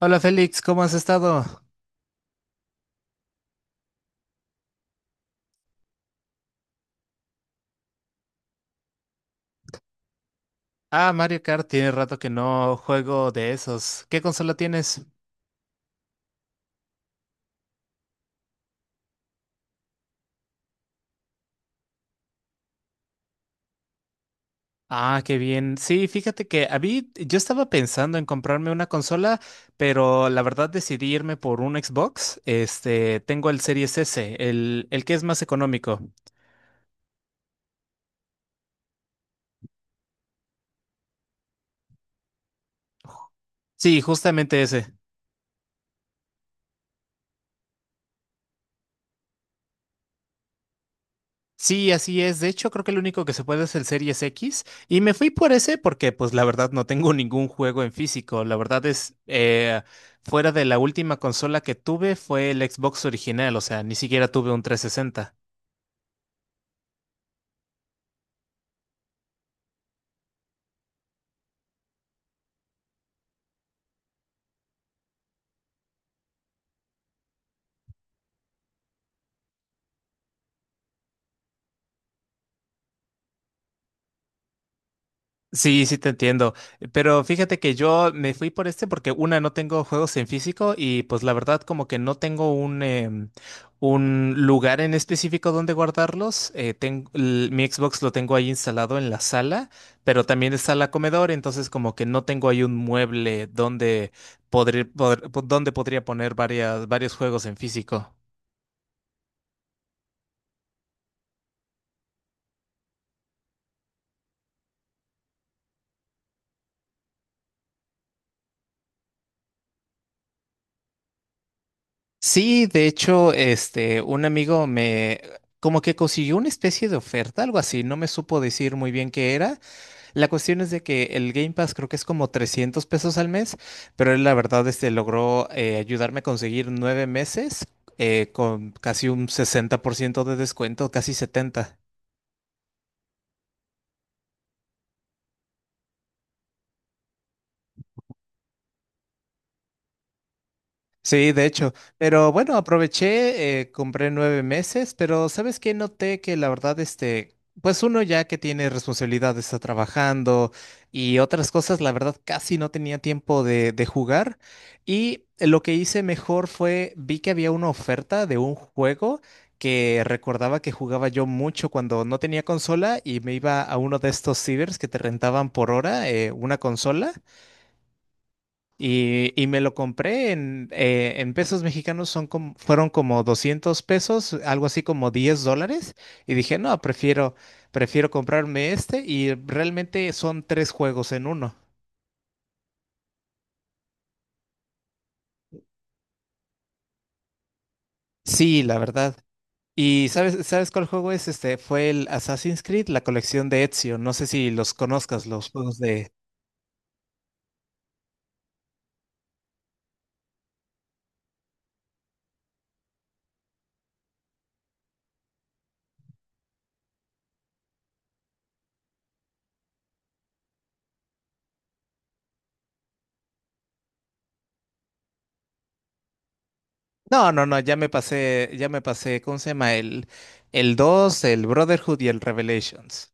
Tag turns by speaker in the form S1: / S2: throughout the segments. S1: Hola Félix, ¿cómo has estado? Ah, Mario Kart, tiene rato que no juego de esos. ¿Qué consola tienes? Ah, qué bien. Sí, fíjate que a mí, yo estaba pensando en comprarme una consola, pero la verdad decidí irme por un Xbox. Este, tengo el Series S, el que es más económico. Sí, justamente ese. Sí, así es. De hecho, creo que el único que se puede es el Series X. Y me fui por ese porque, pues, la verdad no tengo ningún juego en físico. La verdad es, fuera de la última consola que tuve fue el Xbox original. O sea, ni siquiera tuve un trescientos sesenta. Sí, sí te entiendo. Pero fíjate que yo me fui por este porque una, no tengo juegos en físico y pues la verdad como que no tengo un, un lugar en específico donde guardarlos. Mi Xbox lo tengo ahí instalado en la sala, pero también está la comedor, entonces como que no tengo ahí un mueble donde donde podría poner varios juegos en físico. Sí, de hecho, este, un amigo me como que consiguió una especie de oferta, algo así, no me supo decir muy bien qué era. La cuestión es de que el Game Pass creo que es como 300 pesos al mes, pero él la verdad este logró ayudarme a conseguir nueve meses con casi un 60% de descuento, casi 70. Sí, de hecho, pero bueno, aproveché, compré nueve meses, pero ¿sabes qué? Noté que la verdad, este, pues uno ya que tiene responsabilidades, está trabajando y otras cosas, la verdad casi no tenía tiempo de jugar y lo que hice mejor fue, vi que había una oferta de un juego que recordaba que jugaba yo mucho cuando no tenía consola y me iba a uno de estos cibers que te rentaban por hora, una consola. Y me lo compré en pesos mexicanos, son como, fueron como 200 pesos, algo así como 10 dólares. Y dije, no, prefiero comprarme este. Y realmente son tres juegos en uno. Sí, la verdad. ¿Y sabes cuál juego es? Este fue el Assassin's Creed, la colección de Ezio. No sé si los conozcas, los juegos de. No, no, no, ya me pasé, ¿cómo se llama? El 2, el Brotherhood y el Revelations.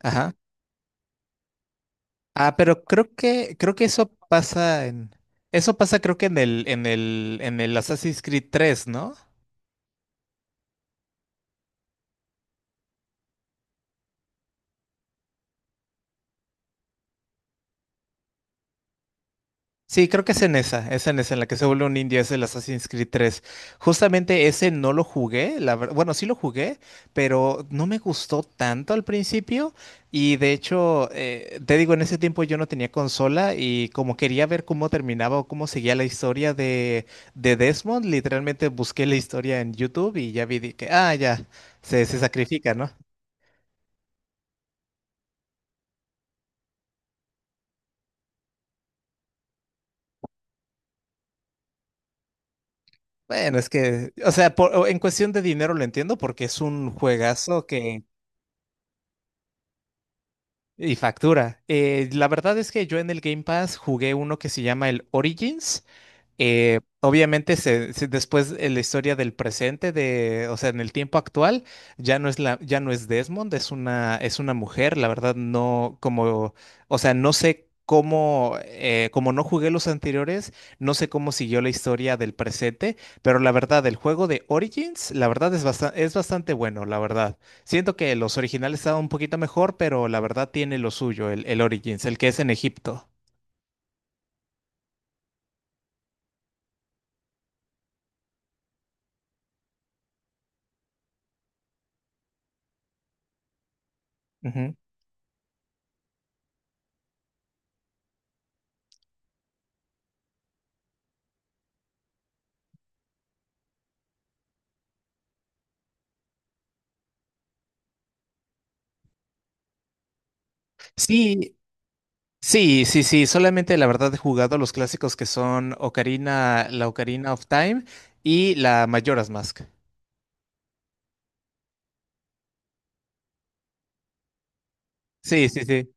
S1: Ajá. Ah, pero creo que eso pasa en. Eso pasa creo que en en el Assassin's Creed 3, ¿no? Sí, creo que es es en esa, en la que se vuelve un indio, es el Assassin's Creed 3. Justamente ese no lo jugué, la verdad, bueno, sí lo jugué, pero no me gustó tanto al principio y de hecho, te digo, en ese tiempo yo no tenía consola y como quería ver cómo terminaba o cómo seguía la historia de Desmond, literalmente busqué la historia en YouTube y ya vi de que, ah, ya, se sacrifica, ¿no? Bueno, es que, o sea, por- en cuestión de dinero lo entiendo porque es un juegazo que y factura. La verdad es que yo en el Game Pass jugué uno que se llama el Origins, obviamente, después la historia del presente, de, o sea, en el tiempo actual, ya no es ya no es Desmond, es es una mujer. La verdad, no, como, o sea, no sé cómo, como no jugué los anteriores, no sé cómo siguió la historia del presente, pero la verdad, el juego de Origins, la verdad es es bastante bueno, la verdad. Siento que los originales estaban un poquito mejor, pero la verdad tiene lo suyo, el Origins, el que es en Egipto. Ujú. Sí, Sí, sí, sí, solamente la verdad he jugado los clásicos que son la Ocarina of Time y la Majora's Mask. Sí, sí, sí.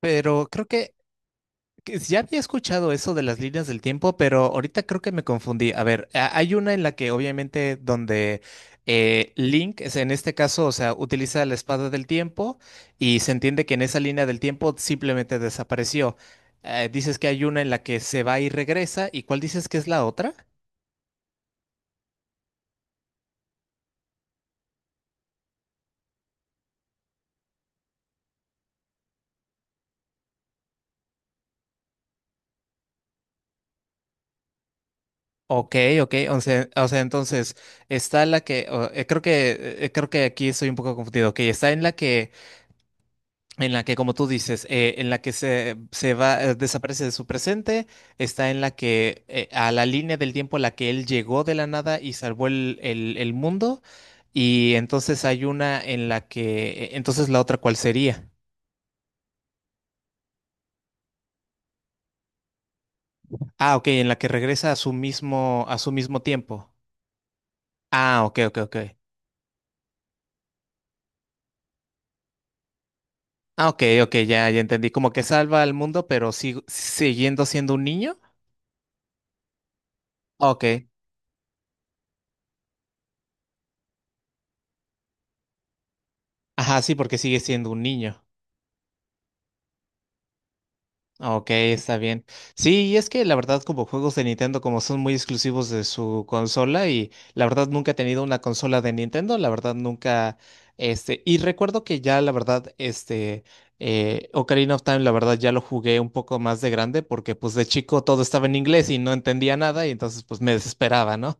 S1: Pero que ya había escuchado eso de las líneas del tiempo, pero ahorita creo que me confundí. A ver, a- hay una en la que obviamente donde Link, es- en este caso, o sea, utiliza la espada del tiempo y se entiende que en esa línea del tiempo simplemente desapareció. Dices que hay una en la que se va y regresa, ¿y cuál dices que es la otra? Ok, ok, o sea, entonces está la que o- creo que creo que aquí estoy un poco confundido. Ok, está en la que como tú dices, en la que se va desaparece de su presente, está en la que a la línea del tiempo a la que él llegó de la nada y salvó el mundo y entonces hay una en la que entonces la otra ¿cuál sería? Ah, ok, en la que regresa a su mismo tiempo. Ah, ok, ok, ok. Ah, ok, ok, ya entendí. Como que salva al mundo, pero siguiendo siendo un niño. Ok. Ajá, sí, porque sigue siendo un niño. Ok, está bien. Sí, y es que la verdad, como juegos de Nintendo, como son muy exclusivos de su consola, y la verdad nunca he tenido una consola de Nintendo, la verdad nunca, y recuerdo que ya, la verdad, Ocarina of Time, la verdad, ya lo jugué un poco más de grande, porque pues de chico todo estaba en inglés y no entendía nada, y entonces pues me desesperaba, ¿no?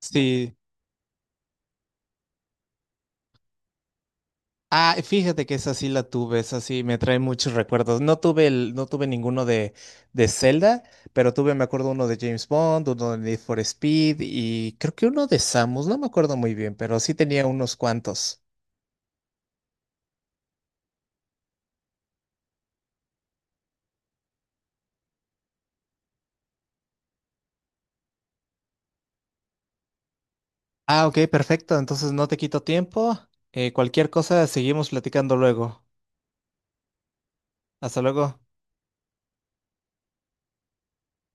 S1: Sí. Ah, fíjate que esa sí la tuve, esa sí me trae muchos recuerdos. No tuve no tuve ninguno de Zelda, pero tuve, me acuerdo, uno de James Bond, uno de Need for Speed y creo que uno de Samus, no me acuerdo muy bien, pero sí tenía unos cuantos. Ah, ok, perfecto. Entonces no te quito tiempo. Cualquier cosa, seguimos platicando luego. Hasta luego.